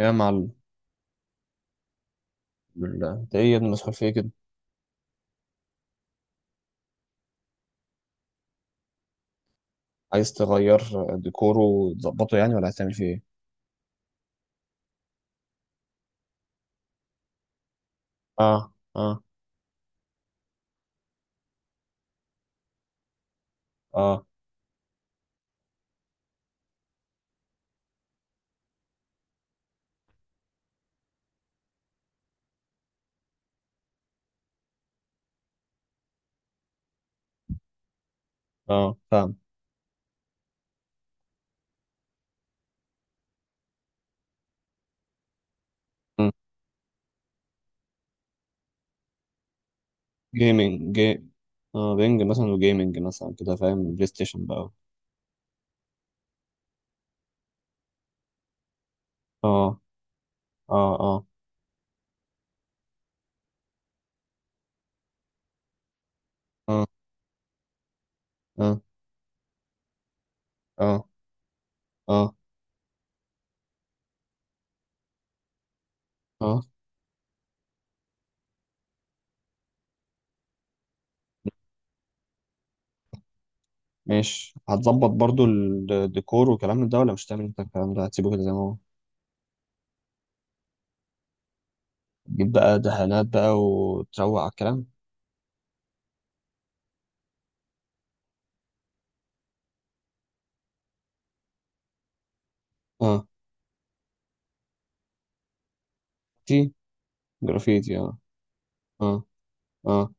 يا معلم، بالله انت ايه يا ابني، مسحول في ايه كده؟ عايز تغير ديكوره وتظبطه يعني، ولا هتعمل فيه ايه؟ اه، اه، اه، اه، فاهم. مم. جيمنج جي اه، بينج مثلا وجيمنج مثلا كده، فاهم؟ بلاي ستيشن بقى. اه، اه، اه، اه، اه، اه، اه، اه، ماشي. هتظبط برضو الديكور والكلام من ده، ولا مش هتعمل انت الكلام ده، هتسيبه كده زي ما هو؟ تجيب بقى دهانات بقى وتروق على الكلام. اه. تي جرافيتي، اه، اه، اه،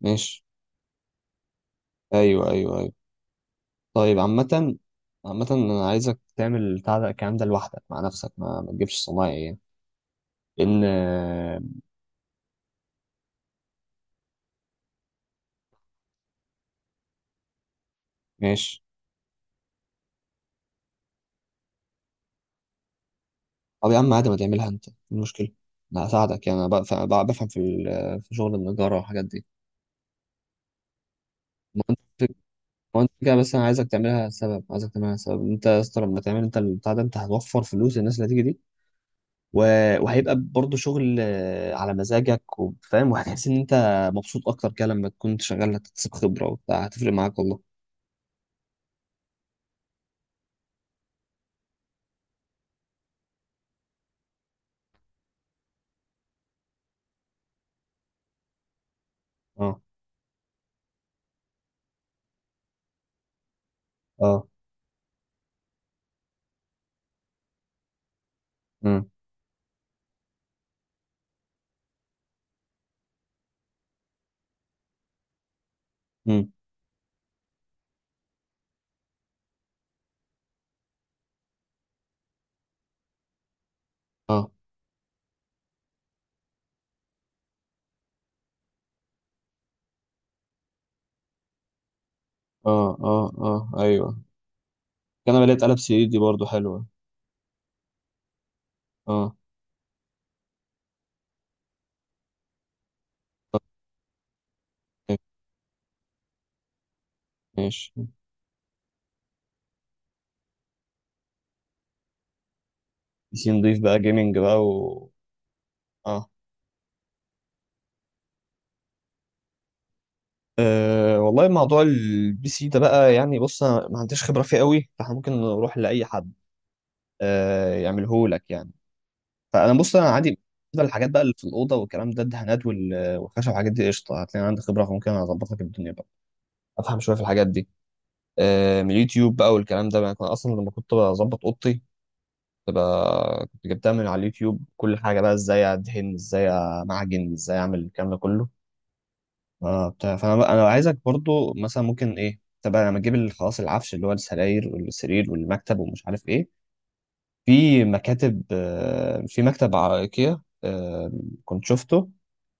ماشي. ايوه، ايوه، أيوه. طيب، عامة، أنا عايزك تعمل بتاع ده الكلام ده لوحدك مع نفسك، ما تجيبش صنايعي يعني. لأن ماشي. طب يا عم عادي، ما تعملها أنت؟ إيه المشكلة؟ أنا هساعدك يعني، أنا بفهم في شغل النجارة والحاجات دي. ما أنت ما أنت كده بس. أنا عايزك تعملها سبب، عايزك تعملها سبب. أنت يا اسطى لما تعمل أنت البتاع ده، أنت هتوفر فلوس الناس اللي هتيجي دي. و... وهيبقى برضه شغل على مزاجك وفاهم وهتحس إن أنت مبسوط أكتر كده. لما تكون شغال هتكتسب خبرة وبتاع، هتفرق معاك والله. أه، أه، مم، مم، اه، اه، اه، اه، ايوه. كان بلاقي اتقلب سي دي برضو حلوه. اه، آه، ماشي. بي سي نضيف بقى، جيمنج بقى. و اه أه والله، موضوع البي سي ده بقى يعني. بص انا ما عنديش خبره فيه قوي، فاحنا ممكن نروح لاي حد أه يعمله لك يعني. فانا بص انا عادي. بالنسبه للحاجات بقى اللي في الاوضه والكلام ده، الدهانات والخشب والحاجات دي قشطه، هتلاقي عندي خبره فممكن اظبط لك الدنيا بقى، افهم شويه في الحاجات دي. أه من اليوتيوب بقى والكلام ده، انا كنت اصلا لما كنت بظبط اوضتي تبقى كنت جبتها من على اليوتيوب، كل حاجه بقى، ازاي ادهن، ازاي امعجن، ازاي اعمل الكلام ده كله. اه بتاع. فانا بقى انا عايزك برضو مثلا ممكن ايه تبقى لما تجيب خلاص، العفش اللي هو السراير والسرير والمكتب ومش عارف ايه. في مكاتب، في مكتب على ايكيا، كنت شفته،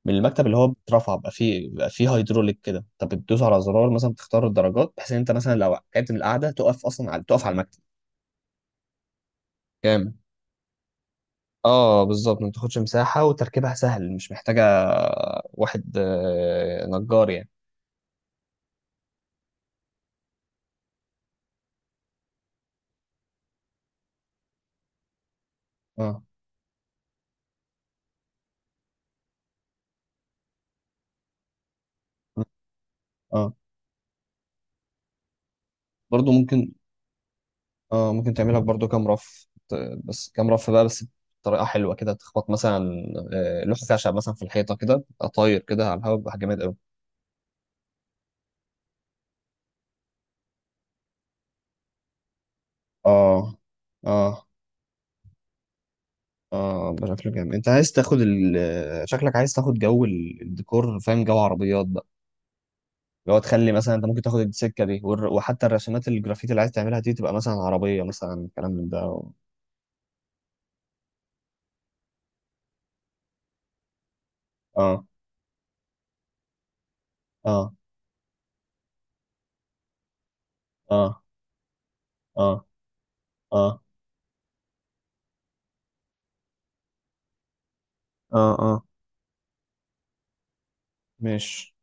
من المكتب اللي هو بيترفع بقى، فيه بقى فيه هيدروليك كده، انت بتدوس على زرار مثلا، تختار الدرجات، بحيث ان انت مثلا لو قعدت من القعده تقف على المكتب. جامد. اه بالظبط، ما بتاخدش مساحة وتركيبها سهل، مش محتاجة واحد نجار يعني. اه، اه، برضو ممكن. اه ممكن تعملها برضو كام رف بس كام رف بقى بس، بطريقة حلوة كده، تخبط مثلا لوح خشب مثلا في الحيطة، كده تبقى طاير كده على الهواء، بيبقى جامد قوي. اه، اه، اه، بشكل جامد. انت عايز تاخد شكلك عايز تاخد جو الديكور، فاهم؟ جو عربيات، اللي هو تخلي مثلا انت ممكن تاخد السكه دي، وحتى الرسومات الجرافيتي اللي عايز تعملها دي، تبقى مثلا عربيه مثلا، كلام من ده. اه، اه، اه، اه، اه، اه، اه، مش.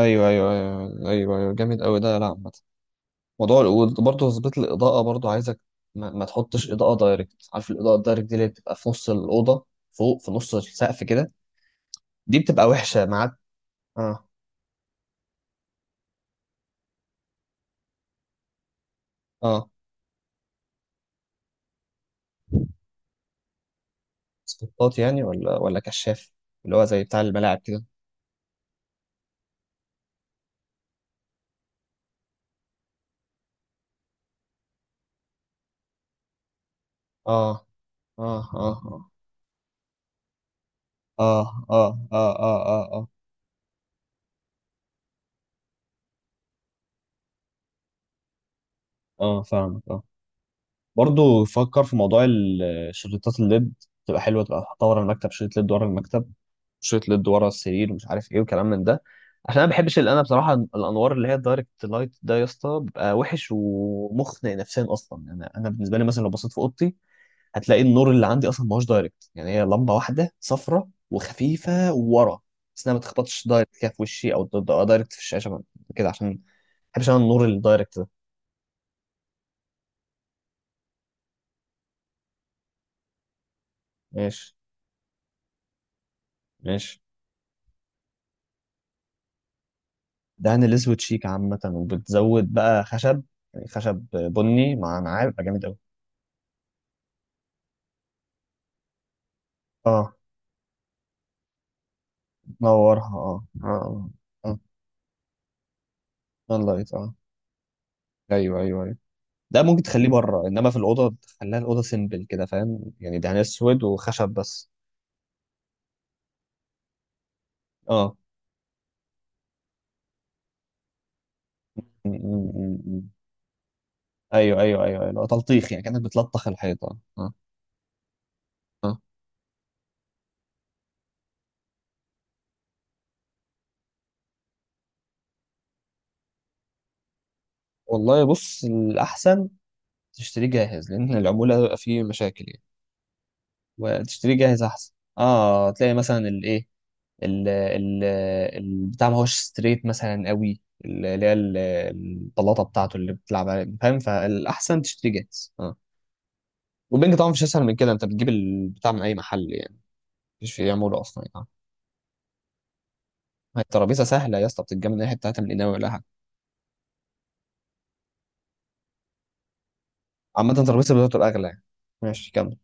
ايوه، ايوه، ايوه، ايوه، ايوه، جامد قوي ده. لا، عامه، موضوع برضه تظبيط الاضاءه برضه، عايزك ما تحطش اضاءه دايركت. عارف الاضاءه الدايركت دي اللي بتبقى في نص الاوضه فوق، في نص السقف كده، دي بتبقى وحشه معاك. اه، اه، سبوتات يعني، ولا كشاف، اللي هو زي بتاع الملاعب كده. اه، اه، اه، آه. اه، اه، اه، اه، اه، اه، اه، فاهمك. اه، برضه فكر في موضوع شريطات الليد، تبقى حلوه. تبقى حاطها ورا المكتب شريط ليد ورا المكتب، شريط ليد ورا السرير ومش عارف ايه وكلام من ده. عشان انا ما بحبش، اللي انا بصراحه الانوار اللي هي الدايركت لايت ده يا اسطى، بيبقى وحش ومخنق نفسيا اصلا يعني. انا بالنسبه لي مثلا لو بصيت في اوضتي، هتلاقي النور اللي عندي اصلا ما هوش دايركت يعني، هي لمبه واحده صفرة وخفيفه ورا، بس انها ما تخبطش دايركت كده في وشي، او دايركت في الشاشه كده، عشان ما بحبش انا النور الدايركت. ماشي، ماشي. دهن الاسود شيك عامة، وبتزود بقى خشب يعني، خشب بني مع نعام يبقى جامد أوي. اه، تنورها، اه، اه، اه، اه، اللايت، اه، ايوه، ايوه، ايوه. ده ممكن تخليه بره، انما في الاوضه تخليها الاوضه سيمبل كده فاهم يعني، دهان اسود وخشب بس. اه، م. ايوه، ايوه، ايوه، ايوه، لو تلطيخ يعني، كانك بتلطخ الحيطه اه. اه والله بص، الاحسن تشتريه جاهز، لان العموله بيبقى فيه مشاكل يعني، وتشتريه جاهز احسن. اه تلاقي مثلا الايه، ال البتاع ما هوش ستريت مثلا قوي، اللي هي البلاطه بتاعته اللي بتلعب عليها فاهم، فالاحسن تشتريه جاهز اه. والبنج طبعا مش اسهل من كده، انت بتجيب البتاع من اي محل يعني، مفيش فيه عموله اصلا يعني. هي الترابيزه سهله يا اسطى، بتتجمع من اي حته، هتعمل قناوي ولا حاجه. عامه الترابيزه بتاعته الاغلى يعني. ماشي، كمل.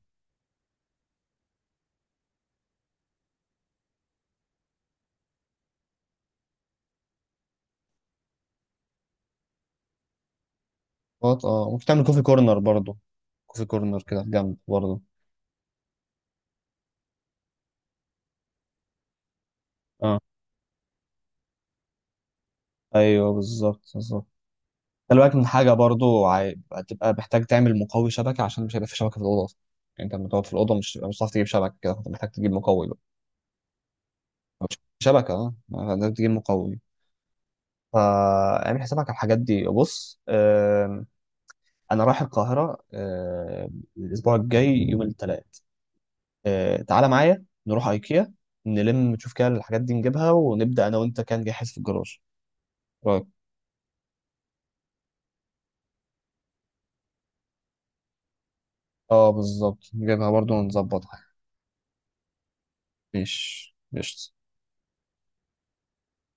اه، ممكن تعمل كوفي كورنر برضه، كوفي كورنر كده في جنب برضه. اه، ايوه بالظبط بالظبط. خلي بالك من حاجة برضو، هتبقى محتاج تعمل مقوي شبكة، عشان مش هيبقى في شبكة في الأوضة أصلا يعني، أنت لما تقعد في الأوضة مش هتعرف تجيب شبكة كده، فأنت محتاج تجيب مقوي بقى. مش شبكة، أه محتاج تجيب مقوي. فاعمل حسابك على الحاجات دي. بص أنا رايح القاهرة الأسبوع الجاي يوم الثلاث، تعالى معايا نروح أيكيا، نلم نشوف كده الحاجات دي نجيبها، ونبدأ أنا وأنت كان جاهز في الجراج. رأيك؟ أه بالظبط، نجيبها برضو ونظبطها. ماشي، قشطة.